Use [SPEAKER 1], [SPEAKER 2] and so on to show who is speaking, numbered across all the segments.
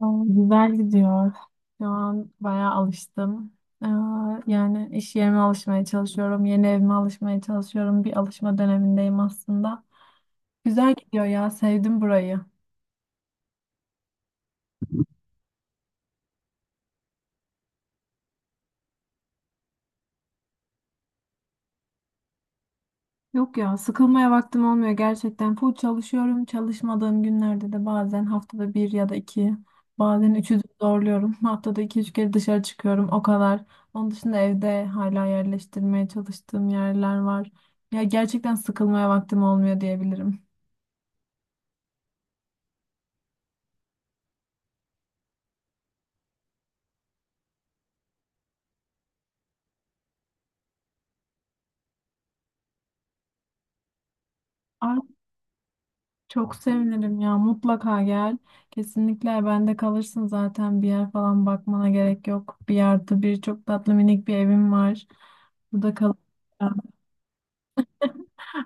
[SPEAKER 1] Aa, güzel gidiyor. Şu an bayağı alıştım. Aa, yani iş yerime alışmaya çalışıyorum. Yeni evime alışmaya çalışıyorum. Bir alışma dönemindeyim aslında. Güzel gidiyor ya. Sevdim burayı. Yok ya, sıkılmaya vaktim olmuyor gerçekten. Full çalışıyorum. Çalışmadığım günlerde de bazen haftada bir ya da iki, bazen üçü de zorluyorum. Haftada iki üç kere dışarı çıkıyorum. O kadar. Onun dışında evde hala yerleştirmeye çalıştığım yerler var. Ya gerçekten sıkılmaya vaktim olmuyor diyebilirim. Ay, çok sevinirim ya. Mutlaka gel. Kesinlikle bende kalırsın zaten. Bir yer falan bakmana gerek yok. Bir yerde bir çok tatlı minik bir evim var. Burada kal.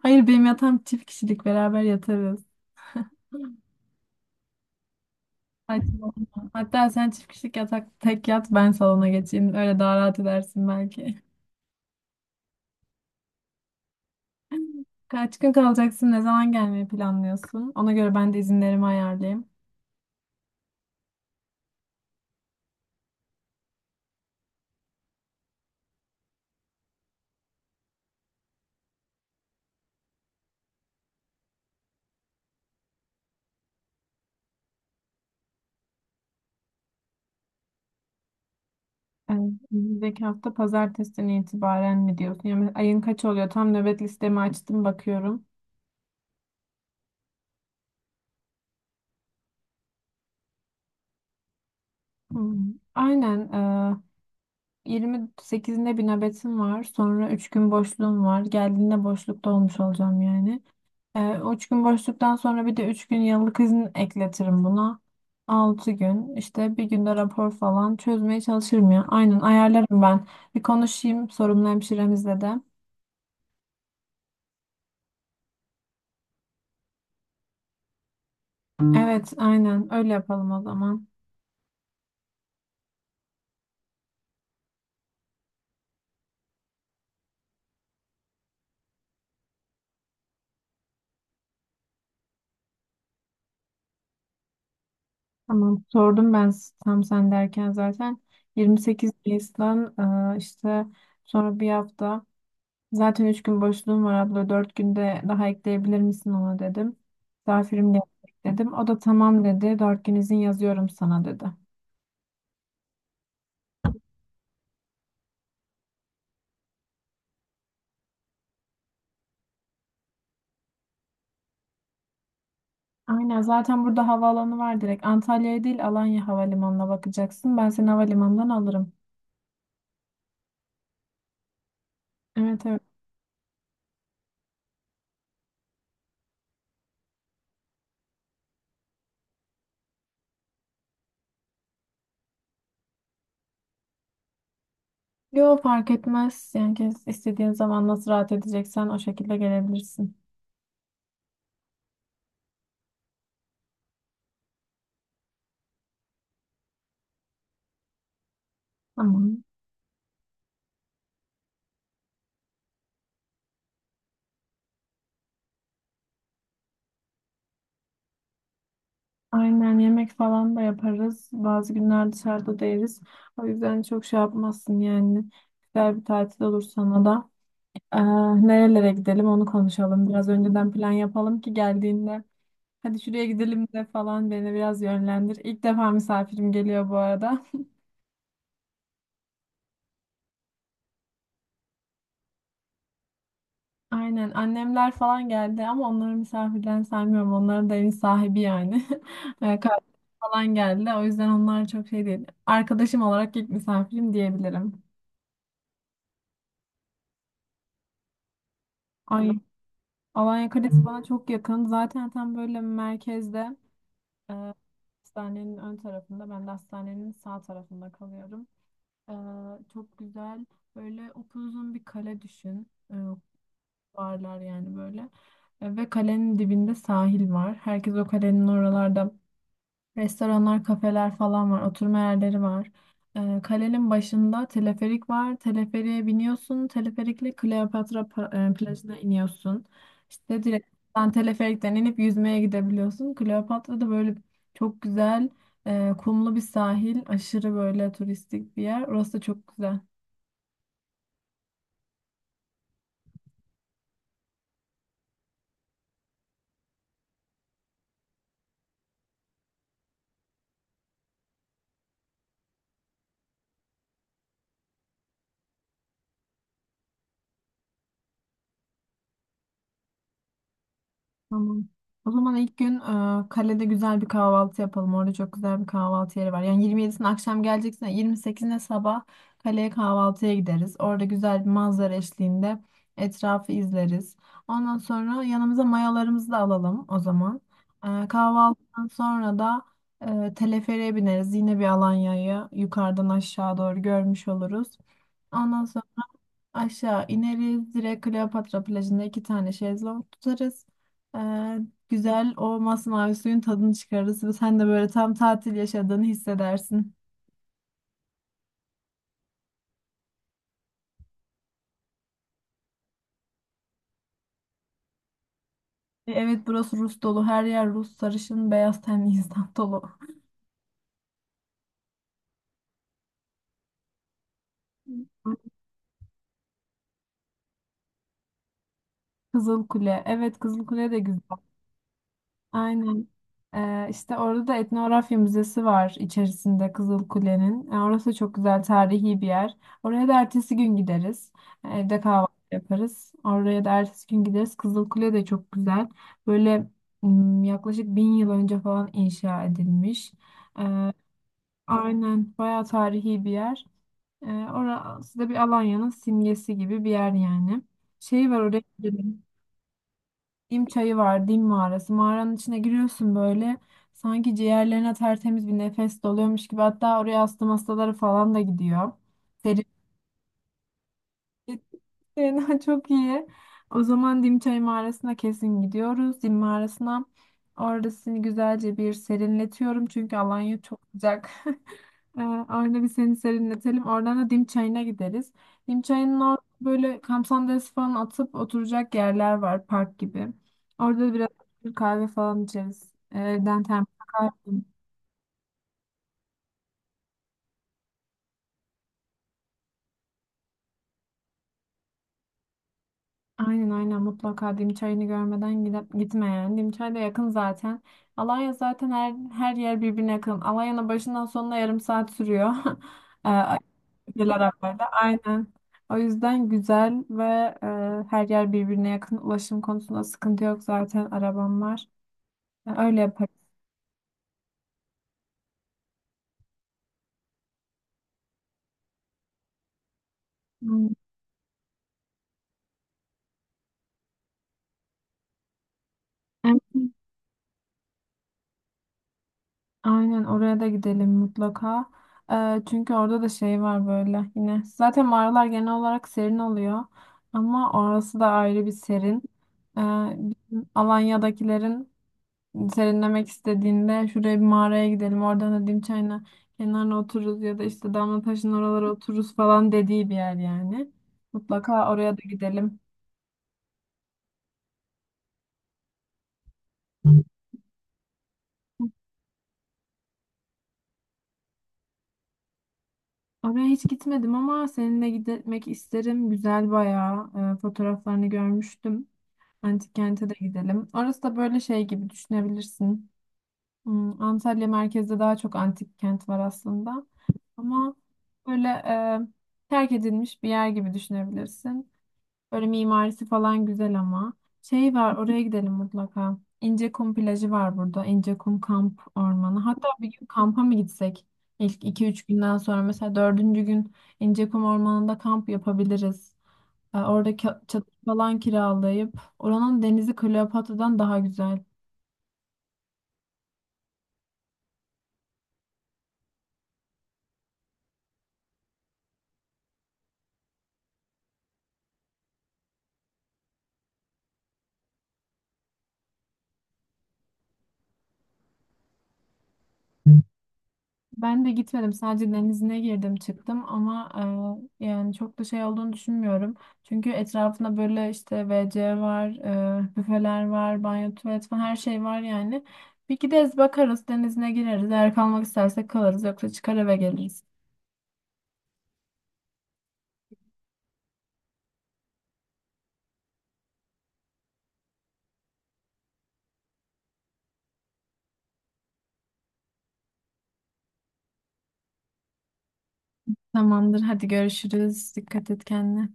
[SPEAKER 1] Hayır, benim yatağım çift kişilik, beraber yatarız. Saçmalama. Hatta sen çift kişilik yatak tek yat, ben salona geçeyim. Öyle daha rahat edersin belki. Kaç gün kalacaksın? Ne zaman gelmeyi planlıyorsun? Ona göre ben de izinlerimi ayarlayayım. Evet, önümüzdeki hafta pazartesinden itibaren mi diyorsun? Yani ayın kaç oluyor? Tam nöbet listemi açtım bakıyorum. Hmm. Aynen. 28'inde bir nöbetim var. Sonra 3 gün boşluğum var. Geldiğinde boşlukta olmuş olacağım yani. O 3 gün boşluktan sonra bir de 3 gün yıllık izin ekletirim buna. 6 gün. İşte bir günde rapor falan çözmeye çalışırım ya. Aynen, ayarlarım ben. Bir konuşayım sorumlu hemşiremizle de. Evet, aynen öyle yapalım o zaman. Tamam, sordum ben tam sen derken zaten 28 Nisan, işte sonra bir hafta, zaten 3 gün boşluğum var abla, 4 günde daha ekleyebilir misin ona dedim. Misafirim gelecek dedim. O da tamam dedi, 4 gün izin yazıyorum sana dedi. Aynen, zaten burada havaalanı var, direkt Antalya'ya değil Alanya Havalimanı'na bakacaksın, ben seni havalimanından alırım. Evet, evet. Yo, fark etmez yani, istediğin zaman nasıl rahat edeceksen o şekilde gelebilirsin. Tamam. Aynen, yemek falan da yaparız. Bazı günler dışarıda da yeriz. O yüzden çok şey yapmazsın yani. Güzel bir tatil olur sana da. Ee, nerelere gidelim onu konuşalım. Biraz önceden plan yapalım ki geldiğinde. Hadi şuraya gidelim de falan, beni biraz yönlendir. İlk defa misafirim geliyor bu arada. Aynen, annemler falan geldi ama onları misafirden saymıyorum. Onların da evin sahibi yani. Kardeşim falan geldi. O yüzden onlar çok şey değil. Arkadaşım olarak ilk misafirim diyebilirim. Ay. Alanya Kalesi bana çok yakın. Zaten tam böyle merkezde, e, hastanenin ön tarafında. Ben de hastanenin sağ tarafında kalıyorum. E, çok güzel, böyle upuzun bir kale düşün. Varlar yani böyle. Ve kalenin dibinde sahil var. Herkes o kalenin oralarda, restoranlar, kafeler falan var. Oturma yerleri var. Kalenin başında teleferik var. Teleferiğe biniyorsun. Teleferikle Kleopatra plajına iniyorsun. İşte direkt sen teleferikten inip yüzmeye gidebiliyorsun. Kleopatra'da böyle çok güzel, kumlu bir sahil. Aşırı böyle turistik bir yer. Orası da çok güzel. Tamam. O zaman ilk gün kalede güzel bir kahvaltı yapalım. Orada çok güzel bir kahvaltı yeri var. Yani 27'sine akşam geleceksen 28'ine sabah kaleye kahvaltıya gideriz. Orada güzel bir manzara eşliğinde etrafı izleriz. Ondan sonra yanımıza mayalarımızı da alalım o zaman. Kahvaltıdan sonra da teleferiğe bineriz. Yine bir Alanya'yı yukarıdan aşağı doğru görmüş oluruz. Ondan sonra aşağı ineriz. Direkt Kleopatra plajında 2 tane şezlong tutarız. Ee, güzel o masmavi suyun tadını çıkarırız ve sen de böyle tam tatil yaşadığını hissedersin. Evet, burası Rus dolu. Her yer Rus, sarışın, beyaz tenli insan dolu. Kızıl Kule. Evet, Kızıl Kule de güzel. Aynen. İşte orada da etnografya müzesi var içerisinde Kızılkule'nin. Orası çok güzel, tarihi bir yer. Oraya da ertesi gün gideriz. Evde kahvaltı yaparız. Oraya da ertesi gün gideriz. Kızılkule de çok güzel. Böyle yaklaşık 1000 yıl önce falan inşa edilmiş. Ee, aynen, bayağı tarihi bir yer. Ee, orası da bir Alanya'nın simgesi gibi bir yer yani. Şey var oraya, Dim çayı var, Dim mağarası. Mağaranın içine giriyorsun böyle. Sanki ciğerlerine tertemiz bir nefes doluyormuş gibi. Hatta oraya astım hastaları falan da gidiyor. Fena çok iyi. O zaman Dimçay mağarasına kesin gidiyoruz. Dim mağarasına. Orada seni güzelce bir serinletiyorum. Çünkü Alanya çok sıcak. Orada bir seni serinletelim. Oradan da Dim çayına gideriz. Dim çayının orada böyle kamp sandalyesi falan atıp oturacak yerler var. Park gibi. Orada biraz kahve falan içeriz. Evden termos kahve. Aynen, aynen, mutlaka Dimçay'ını görmeden gidip gitme yani. Dimçay da yakın zaten. Alanya zaten, her yer birbirine yakın. Alanya'nın başından sonuna yarım saat sürüyor. Ee, Ülkeler arasında. Aynen. O yüzden güzel ve e, her yer birbirine yakın. Ulaşım konusunda sıkıntı yok zaten. Arabam var. Öyle yaparız. Hmm. Aynen, oraya da gidelim mutlaka. Çünkü orada da şey var böyle yine. Zaten mağaralar genel olarak serin oluyor. Ama orası da ayrı bir serin. Ee, bizim Alanya'dakilerin serinlemek istediğinde şuraya bir mağaraya gidelim. Oradan da Dim çayına kenarına otururuz ya da işte Damlataş'ın oralara otururuz falan dediği bir yer yani. Mutlaka oraya da gidelim. Oraya hiç gitmedim ama seninle gitmek isterim. Güzel bayağı. Fotoğraflarını görmüştüm. Antik kente de gidelim. Orası da böyle şey gibi düşünebilirsin. Antalya merkezde daha çok antik kent var aslında. Ama böyle terk edilmiş bir yer gibi düşünebilirsin. Böyle mimarisi falan güzel ama. Şey var, oraya gidelim mutlaka. İncekum plajı var burada. İncekum kamp ormanı. Hatta bir gün kampa mı gitsek? İlk iki üç günden sonra mesela 4. gün İncekum ormanında kamp yapabiliriz. Orada çadır falan kiralayıp oranın denizi Kleopatra'dan daha güzel. Ben de gitmedim. Sadece denizine girdim çıktım ama yani çok da şey olduğunu düşünmüyorum. Çünkü etrafında böyle işte WC var, büfeler var, banyo, tuvalet falan her şey var yani. Bir gideriz bakarız denizine gireriz. Eğer kalmak istersek kalırız yoksa çıkar eve geliriz. Tamamdır. Hadi görüşürüz. Dikkat et kendine.